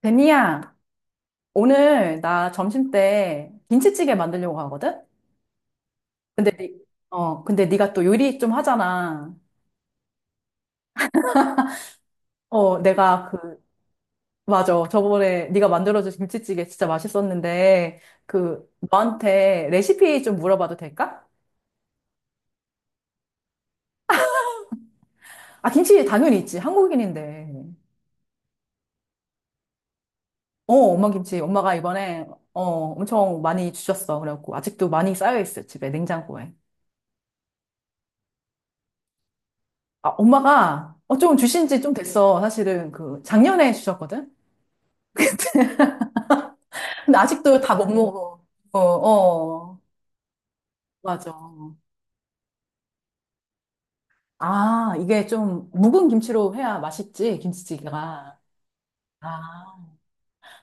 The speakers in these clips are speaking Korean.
베니야, 오늘 나 점심 때 김치찌개 만들려고 하거든? 근데 니, 근데 네가 또 요리 좀 하잖아. 어, 내가 그, 맞아. 저번에 네가 만들어준 김치찌개 진짜 맛있었는데, 너한테 레시피 좀 물어봐도 될까? 아, 김치 당연히 있지. 한국인인데. 어, 엄마 김치. 엄마가 이번에, 어, 엄청 많이 주셨어. 그래갖고, 아직도 많이 쌓여있어. 집에, 냉장고에. 아, 엄마가, 좀 주신 지 좀 됐어. 사실은 작년에 주셨거든? 근데 아직도 다 못 먹어. 어, 어. 맞아. 아, 이게 좀 묵은 김치로 해야 맛있지, 김치찌개가. 아,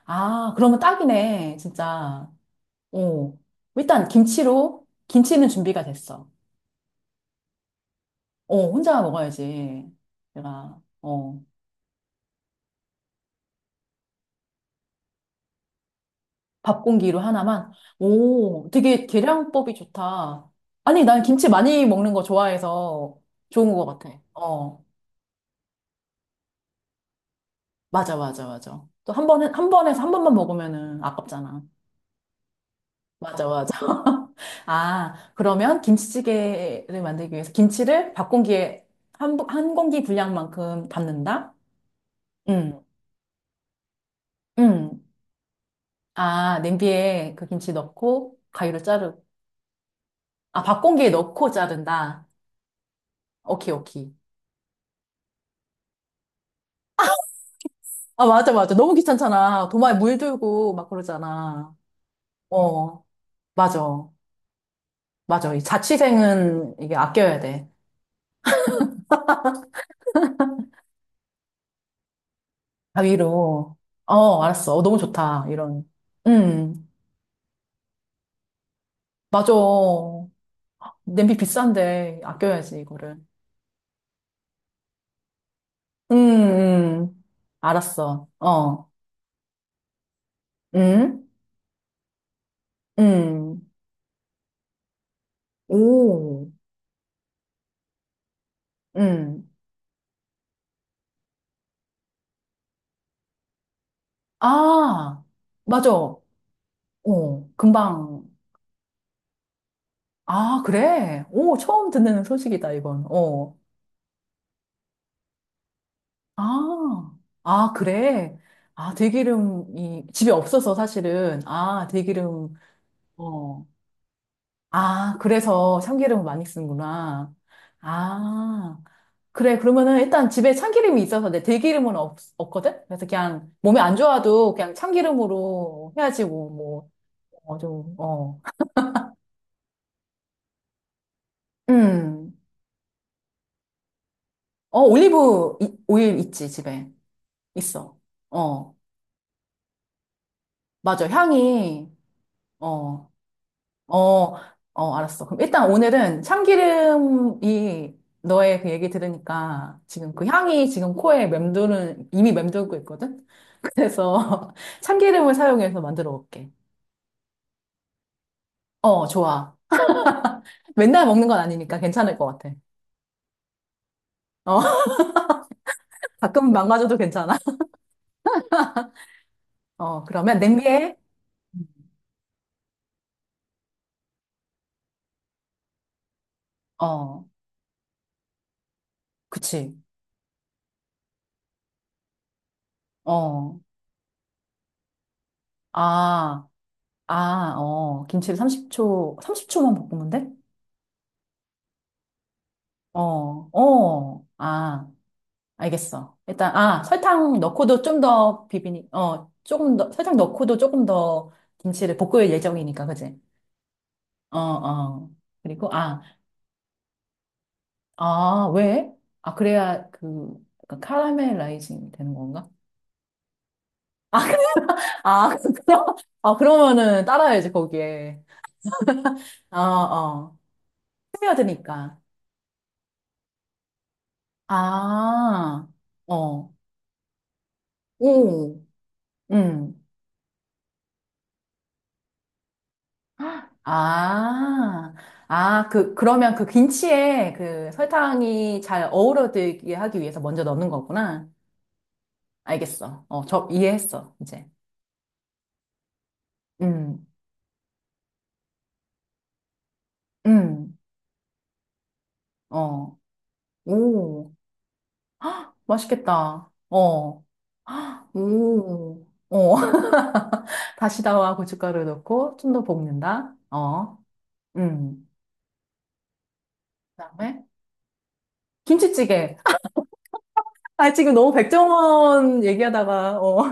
아, 그러면 딱이네, 진짜. 오. 일단 김치는 준비가 됐어. 오, 혼자 먹어야지. 내가, 어, 밥 공기로 하나만. 오, 되게 계량법이 좋다. 아니, 난 김치 많이 먹는 거 좋아해서 좋은 것 같아. 어. 맞아, 맞아, 맞아. 또 한 번에서 한 번만 먹으면은 아깝잖아. 맞아, 맞아. 아, 그러면 김치찌개를 만들기 위해서 김치를 밥 공기에 한 공기 분량만큼 담는다? 응, 응. 아, 냄비에 그 김치 넣고 가위로 자르고. 아, 밥 공기에 넣고 자른다. 오케이, 오케이. 아, 맞아, 맞아. 너무 귀찮잖아. 도마에 물 들고 막 그러잖아. 어, 맞아. 맞아. 이 자취생은 이게 아껴야 돼. 가위로. 어, 알았어. 어, 너무 좋다. 이런. 음, 맞아. 냄비 비싼데 아껴야지, 이거를. 음, 음. 알았어. 어. 음, 음. 오, 음. 아, 맞아. 어, 금방. 아, 그래. 오, 처음 듣는 소식이다, 이건. 어. 아, 아, 그래. 아, 들기름이 집에 없어서 사실은. 아, 들기름. 어. 아, 그래서 참기름을 많이 쓰는구나. 아, 그래. 그러면은 일단 집에 참기름이 있어서 내 들기름은 없거든? 그래서 그냥 몸에 안 좋아도 그냥 참기름으로 해야지 뭐, 어, 좀, 어. 음. 어, 올리브 오일 있지, 집에. 있어. 어, 맞아. 향이, 어, 어, 어, 알았어. 그럼 일단 오늘은 참기름이 너의 그 얘기 들으니까 지금 그 향이 지금 코에 맴도는, 이미 맴돌고 있거든? 그래서 참기름을 사용해서 만들어 볼게. 어, 좋아. 맨날 먹는 건 아니니까 괜찮을 것 같아. 어, 가끔 망가져도 괜찮아. 어, 그러면 냄비에, 어, 그치. 어, 아, 김치를 30초, 30초만 볶으면 돼? 어, 어, 아. 알겠어. 설탕 넣고도 좀 더 비비니, 조금 더, 설탕 넣고도 조금 더 김치를 볶을 예정이니까, 그지? 어, 어. 그리고, 아, 아, 왜? 아, 그래야 약간 카라멜라이징 되는 건가? 아, 아, 그럼, 아, 그러면은 따라야지, 거기에. 아, 어. 스며드니까. 아, 어. 오, 음. 아, 아, 그러면 그 김치에 그 설탕이 잘 어우러들게 하기 위해서 먼저 넣는 거구나. 알겠어. 어, 저 이해했어, 이제. 음, 음, 어, 오, 맛있겠다. 어, 오, 어. 다시다와 고춧가루 넣고 좀 더 볶는다. 어, 음. 그다음에 김치찌개. 아, 지금 너무 백종원 얘기하다가, 어,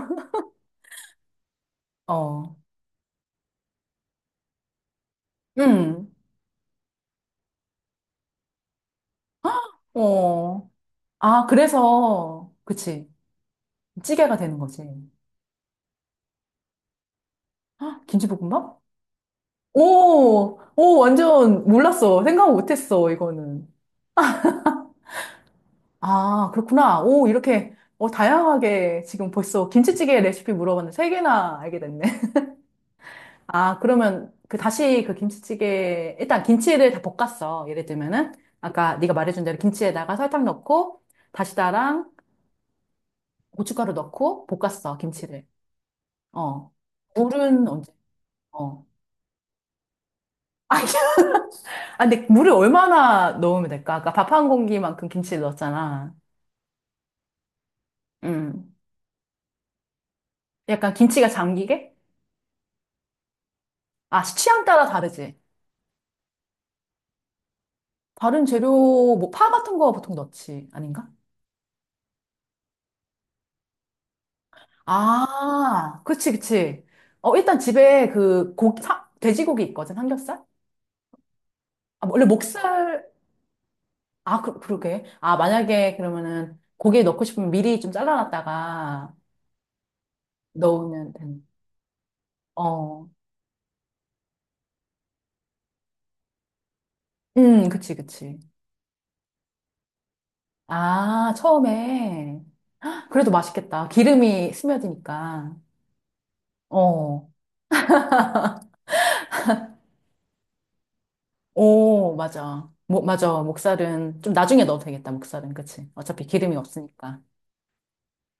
어, 음, 어. 아, 그래서, 그치. 찌개가 되는 거지. 아, 김치볶음밥? 오, 오, 완전 몰랐어. 생각 못했어, 이거는. 아, 그렇구나. 오, 이렇게, 어, 다양하게 지금 벌써 김치찌개 레시피 물어봤는데 세 개나 알게 됐네. 아, 그러면 그 다시 그 김치찌개, 일단 김치를 다 볶았어. 예를 들면은, 아까 네가 말해준 대로 김치에다가 설탕 넣고, 다시다랑 고춧가루 넣고 볶았어, 김치를. 어. 물은 언제? 어. 아, 아, 근데 물을 얼마나 넣으면 될까? 아까 밥 한 공기만큼 김치를 넣었잖아. 음. 약간 김치가 잠기게? 아, 취향 따라 다르지. 다른 재료, 뭐, 파 같은 거 보통 넣지. 아닌가? 아, 그치, 그치. 어, 일단 집에 그 고기, 돼지고기 있거든, 삼겹살? 아, 뭐, 원래 목살, 아, 그러게. 아, 만약에 그러면은 고기 에 넣고 싶으면 미리 좀 잘라놨다가 넣으면 되는. 어, 그치, 그치. 아, 처음에. 그래도 맛있겠다. 기름이 스며드니까. 어, 오, 맞아. 뭐, 맞아. 목살은 좀 나중에 넣어도 되겠다. 목살은. 그치. 어차피 기름이 없으니까.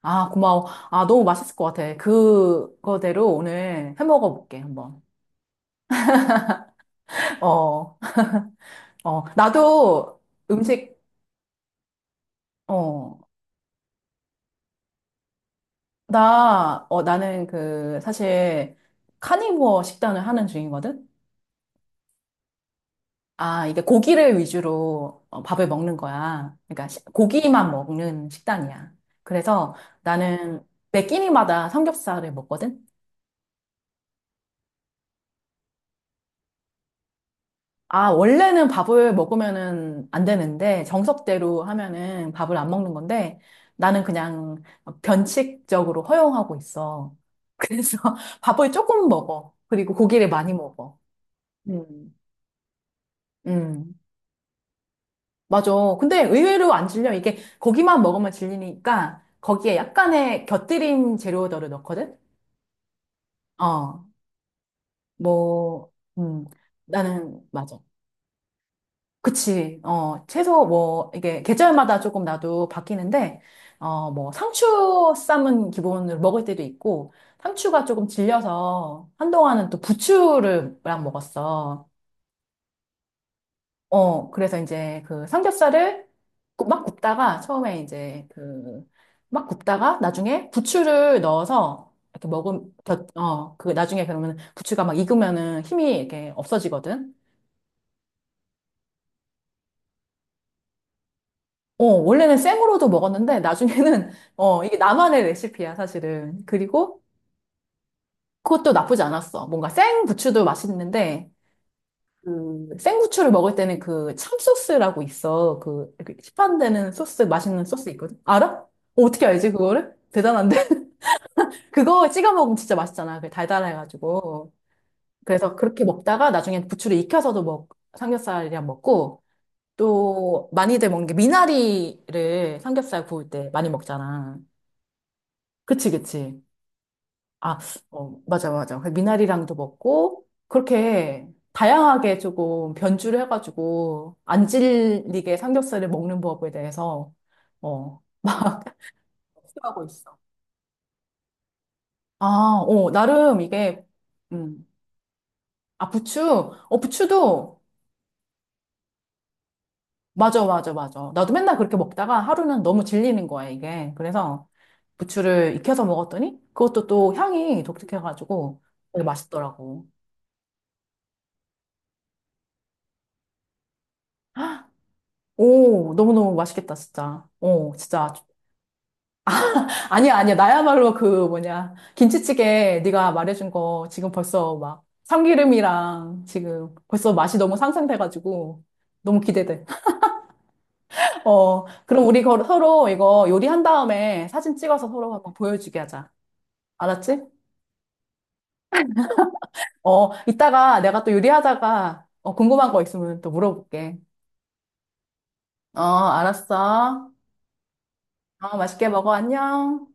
아, 고마워. 아, 너무 맛있을 것 같아. 그거대로 오늘 해 먹어볼게, 한번. 어, 어, 나도 음식, 어, 나는 사실, 카니부어 식단을 하는 중이거든? 아, 이게 고기를 위주로 어, 밥을 먹는 거야. 그러니까 고기만 먹는 식단이야. 그래서 나는 매 끼니마다 삼겹살을 먹거든? 아, 원래는 밥을 먹으면은 안 되는데, 정석대로 하면은 밥을 안 먹는 건데, 나는 그냥 변칙적으로 허용하고 있어. 그래서 밥을 조금 먹어. 그리고 고기를 많이 먹어. 음. 음. 맞아. 근데 의외로 안 질려. 이게 고기만 먹으면 질리니까 거기에 약간의 곁들임 재료들을 넣거든? 어, 뭐, 음, 나는, 맞아. 그치. 어, 채소 뭐, 이게 계절마다 조금 나도 바뀌는데, 어, 뭐, 상추 쌈은 기본으로 먹을 때도 있고, 상추가 조금 질려서 한동안은 또 부추를 랑 먹었어. 어, 그래서 이제 그 삼겹살을 막 굽다가 처음에 이제 그 막 굽다가 나중에 부추를 넣어서 이렇게 먹음 그 나중에 그러면 부추가 막 익으면은 힘이 이렇게 없어지거든. 어, 원래는 생으로도 먹었는데 나중에는 어, 이게 나만의 레시피야, 사실은. 그리고 그것도 나쁘지 않았어. 뭔가 생 부추도 맛있는데 그 생고추를 먹을 때는 그 참소스라고 있어. 그 이렇게 시판되는 소스, 맛있는 소스 있거든. 알아? 어, 어떻게 알지 그거를? 대단한데? 그거 찍어 먹으면 진짜 맛있잖아. 그 달달해가지고. 그래서 그렇게 먹다가 나중에 부추를 익혀서도 먹 삼겹살이랑 먹고 또 많이들 먹는 게 미나리를 삼겹살 구울 때 많이 먹잖아. 그치, 그치. 아, 어, 맞아, 맞아. 그 미나리랑도 먹고, 그렇게 다양하게 조금 변주를 해가지고, 안 질리게 삼겹살을 먹는 법에 대해서, 어, 막, 수하고 있어. 아, 어, 나름 이게, 음, 아, 부추? 어, 부추도, 맞아, 맞아, 맞아. 나도 맨날 그렇게 먹다가 하루는 너무 질리는 거야, 이게. 그래서 부추를 익혀서 먹었더니, 그것도 또 향이 독특해가지고, 되게 맛있더라고. 오, 너무너무 맛있겠다, 진짜. 어, 진짜. 아니야, 아니야. 나야말로 그 뭐냐. 김치찌개 네가 말해준 거 지금 벌써 막 참기름이랑 지금 벌써 맛이 너무 상상돼가지고 너무 기대돼. 어, 그럼 우리 서로 이거 요리한 다음에 사진 찍어서 서로 한번 보여주게 하자. 알았지? 어, 이따가 내가 또 요리하다가 어, 궁금한 거 있으면 또 물어볼게. 어, 알았어. 어, 맛있게 먹어. 안녕.